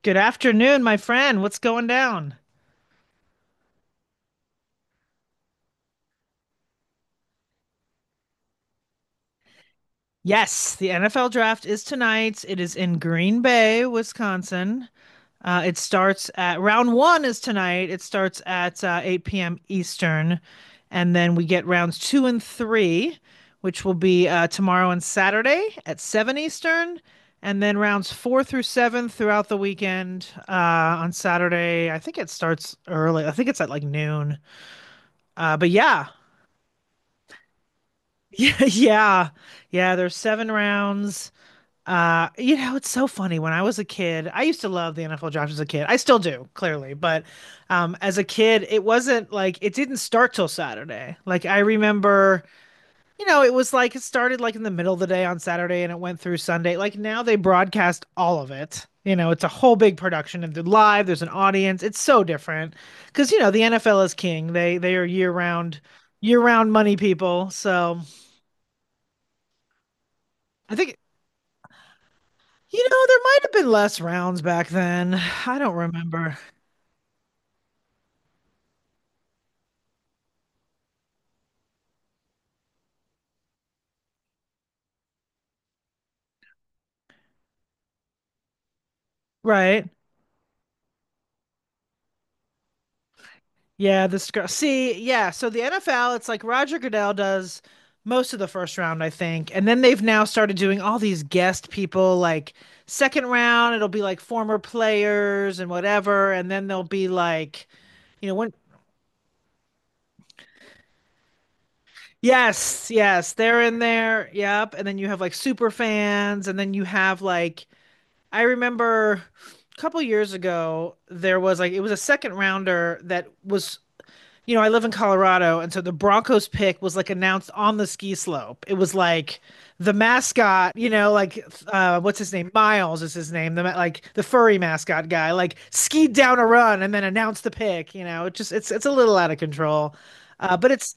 Good afternoon, my friend. What's going down? Yes, the NFL draft is tonight. It is in Green Bay, Wisconsin. It starts at round one is tonight. It starts at 8 p.m. Eastern, and then we get rounds two and three, which will be tomorrow and Saturday at 7 Eastern, and then rounds four through seven throughout the weekend. On Saturday, I think it starts early. I think it's at like noon. But yeah. Yeah, yeah, yeah. There's seven rounds. It's so funny. When I was a kid, I used to love the NFL draft as a kid. I still do, clearly, but as a kid, it wasn't like it didn't start till Saturday. Like I remember, you know, it was like it started like in the middle of the day on Saturday and it went through Sunday. Like now they broadcast all of it. You know, it's a whole big production and they're live. There's an audience. It's so different because you know the NFL is king. They are year round money people. So. I think you know, there might have been less rounds back then. I don't remember. Right? Yeah, this girl. See, yeah. So the NFL, it's like Roger Goodell does most of the first round, I think. And then they've now started doing all these guest people, like second round, it'll be like former players and whatever. And then they'll be like, you know, when. Yes, yes, they're in there. Yep. And then you have like super fans, and then you have like I remember a couple years ago, there was like, it was a second rounder that was, you know, I live in Colorado. And so the Broncos pick was like announced on the ski slope. It was like the mascot, you know, like, what's his name? Miles is his name. The, like the furry mascot guy, like skied down a run and then announced the pick, you know, it's a little out of control. Uh, but it's,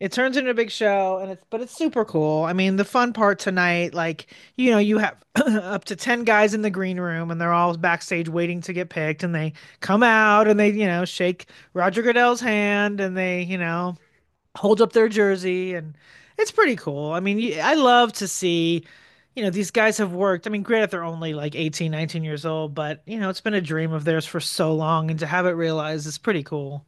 it turns into a big show and it's super cool. I mean, the fun part tonight, like, you know, you have up to 10 guys in the green room and they're all backstage waiting to get picked and they come out and they, you know, shake Roger Goodell's hand and they, you know, hold up their jersey and it's pretty cool. I mean, you- I love to see, you know, these guys have worked. I mean, granted they're only like 18, 19 years old, but you know, it's been a dream of theirs for so long and to have it realized is pretty cool.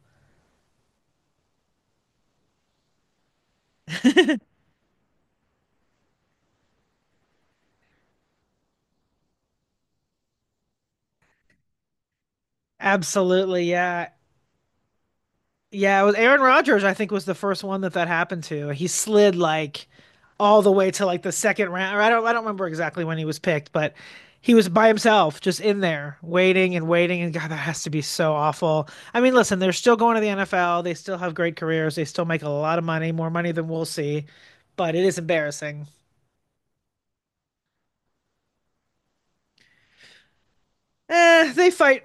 Absolutely, yeah. Yeah, it was Aaron Rodgers, I think, was the first one that happened to. He slid like all the way to like the second round. Or I don't remember exactly when he was picked, but he was by himself, just in there, waiting and waiting. And God, that has to be so awful. I mean, listen, they're still going to the NFL. They still have great careers. They still make a lot of money, more money than we'll see, but it is embarrassing. Eh, they fight.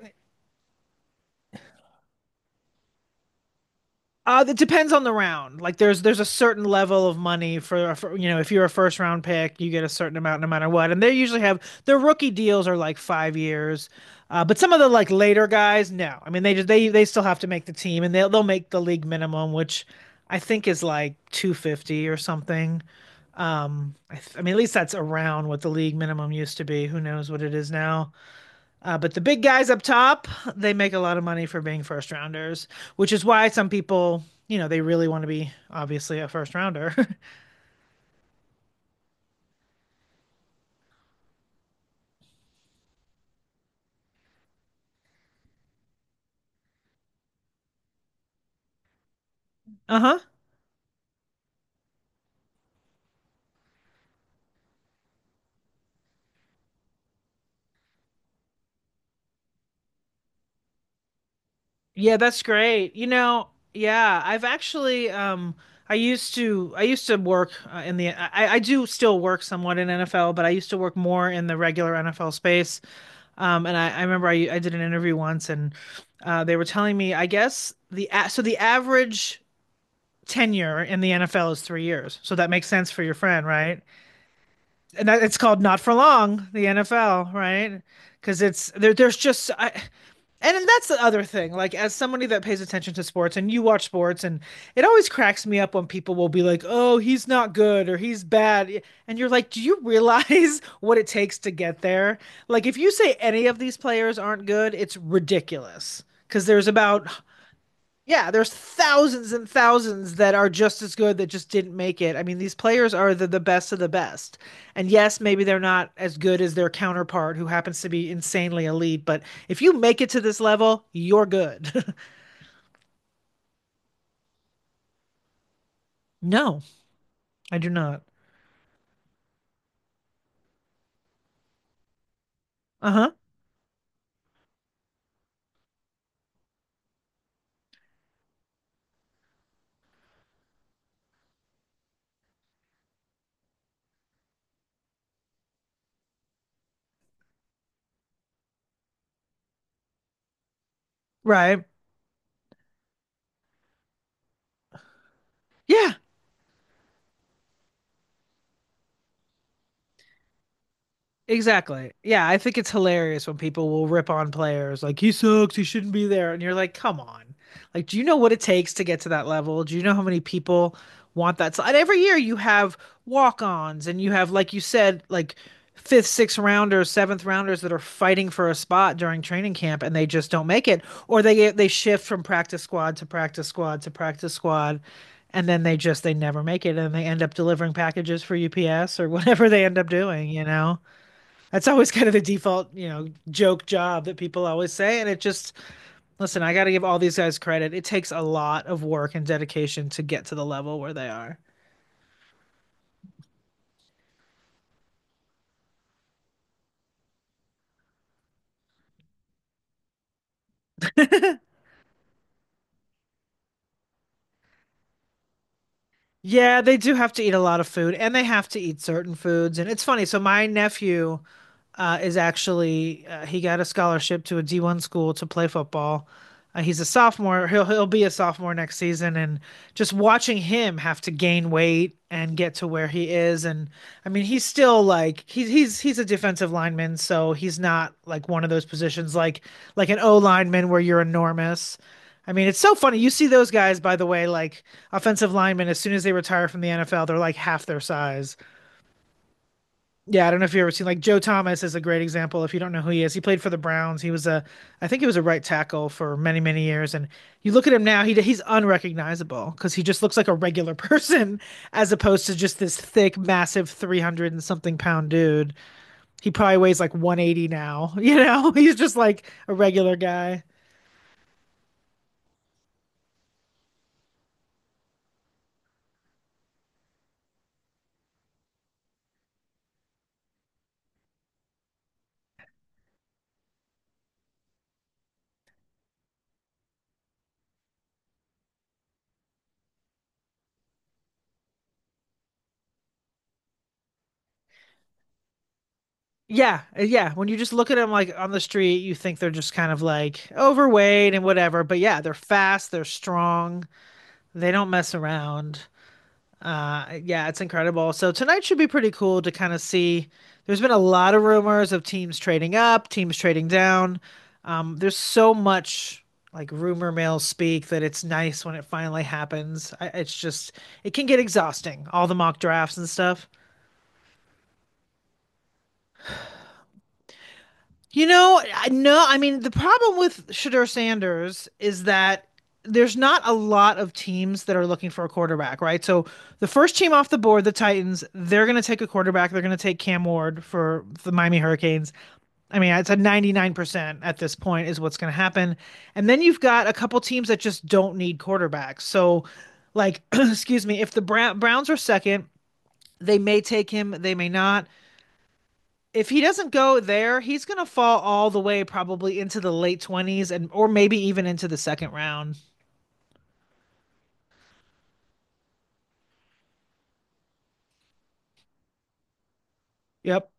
It depends on the round. Like there's a certain level of money for you know if you're a first round pick, you get a certain amount no matter what. And they usually have their rookie deals are like 5 years, but some of the like later guys, no. I mean they just they still have to make the team and they'll make the league minimum, which I think is like 250 or something. I mean at least that's around what the league minimum used to be. Who knows what it is now? But the big guys up top, they make a lot of money for being first rounders, which is why some people, you know, they really want to be obviously a first rounder. uh huh. Yeah, that's great. You know, yeah, I've actually, I used to work in I do still work somewhat in NFL, but I used to work more in the regular NFL space. I remember I did an interview once and they were telling me, I guess so the average tenure in the NFL is 3 years. So that makes sense for your friend, right? And that, it's called not for long, the NFL, right? Because it's there. And then that's the other thing. Like as somebody that pays attention to sports, and you watch sports, and it always cracks me up when people will be like, "Oh, he's not good" or "He's bad," and you're like, "Do you realize what it takes to get there?" Like if you say any of these players aren't good, it's ridiculous because there's about yeah, there's thousands and thousands that are just as good that just didn't make it. I mean, these players are the best of the best. And yes, maybe they're not as good as their counterpart who happens to be insanely elite, but if you make it to this level, you're good. no, I do not. Uh-huh. Right. Yeah. Exactly. Yeah, I think it's hilarious when people will rip on players like he sucks, he shouldn't be there, and you're like, come on. Like, do you know what it takes to get to that level? Do you know how many people want that? So, and every year you have walk-ons and you have, like you said, like fifth, sixth rounders, seventh rounders that are fighting for a spot during training camp and they just don't make it, or they shift from practice squad to practice squad to practice squad. And then they never make it and they end up delivering packages for UPS or whatever they end up doing, you know? That's always kind of the default, you know, joke job that people always say. And it just, listen, I got to give all these guys credit. It takes a lot of work and dedication to get to the level where they are. Yeah, they do have to eat a lot of food and they have to eat certain foods. And it's funny. So, my nephew is actually he got a scholarship to a D1 school to play football. He's a sophomore. He'll be a sophomore next season, and just watching him have to gain weight and get to where he is, and I mean he's still like he's a defensive lineman, so he's not like one of those positions like an O lineman where you're enormous. I mean, it's so funny. You see those guys, by the way, like offensive linemen, as soon as they retire from the NFL, they're like half their size. Yeah, I don't know if you've ever seen like Joe Thomas is a great example. If you don't know who he is, he played for the Browns. I think he was a right tackle for many many years. And you look at him now, he's unrecognizable because he just looks like a regular person as opposed to just this thick, massive, 300 and something pound dude. He probably weighs like 180 now. You know, he's just like a regular guy. Yeah. When you just look at them like on the street, you think they're just kind of like overweight and whatever. But yeah, they're fast, they're strong, they don't mess around. Yeah, it's incredible. So tonight should be pretty cool to kind of see. There's been a lot of rumors of teams trading up, teams trading down. There's so much like rumor mill speak that it's nice when it finally happens. It's just it can get exhausting, all the mock drafts and stuff. No, I mean, the problem with Shadur Sanders is that there's not a lot of teams that are looking for a quarterback, right? So the first team off the board, the Titans, they're going to take a quarterback. They're going to take Cam Ward for the Miami Hurricanes. I mean, it's a 99% at this point is what's going to happen. And then you've got a couple teams that just don't need quarterbacks. So, like, excuse me, if the Browns are second, they may take him, they may not if he doesn't go there, he's gonna fall all the way probably into the late 20s and or maybe even into the second round. Yep.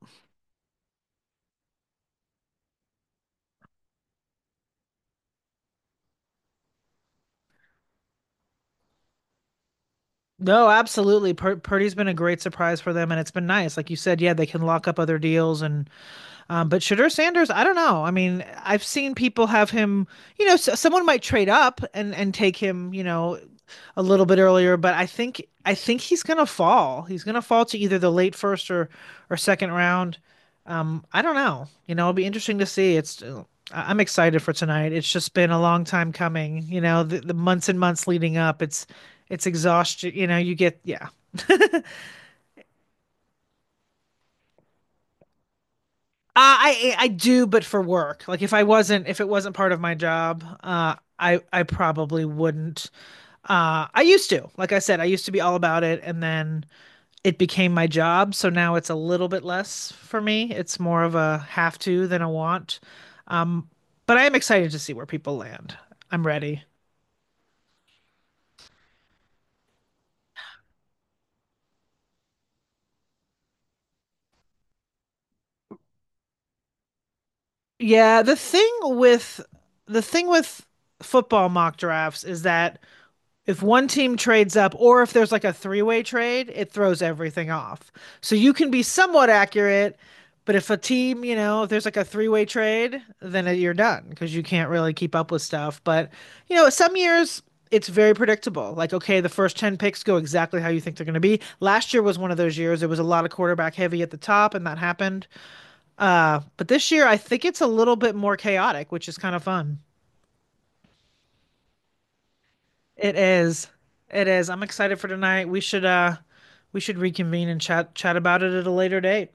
No, absolutely. Purdy's been a great surprise for them, and it's been nice. Like you said, yeah, they can lock up other deals and but Shadur Sanders, I don't know. I mean, I've seen people have him, you know, s someone might trade up and take him, you know, a little bit earlier, but I think he's gonna fall. He's gonna fall to either the late first or second round. I don't know. You know, it'll be interesting to see. It's I'm excited for tonight. It's just been a long time coming. You know, the months and months leading up. It's exhaustion. You know, you get yeah. I do, but for work. Like if I wasn't, if it wasn't part of my job, I probably wouldn't. I used to, like I said, I used to be all about it, and then it became my job. So now it's a little bit less for me. It's more of a have to than a want. Um, but I am excited to see where people land. I'm ready. Yeah, the thing with football mock drafts is that if one team trades up or if there's like a three-way trade, it throws everything off. So you can be somewhat accurate, but if a team, you know, if there's like a three-way trade, then you're done because you can't really keep up with stuff. But, you know, some years it's very predictable. Like, okay, the first 10 picks go exactly how you think they're going to be. Last year was one of those years. It was a lot of quarterback heavy at the top, and that happened. But this year, I think it's a little bit more chaotic, which is kind of fun. It is. It is. I'm excited for tonight. We should reconvene and chat about it at a later date.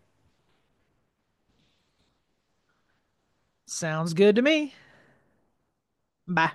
Sounds good to me. Bye.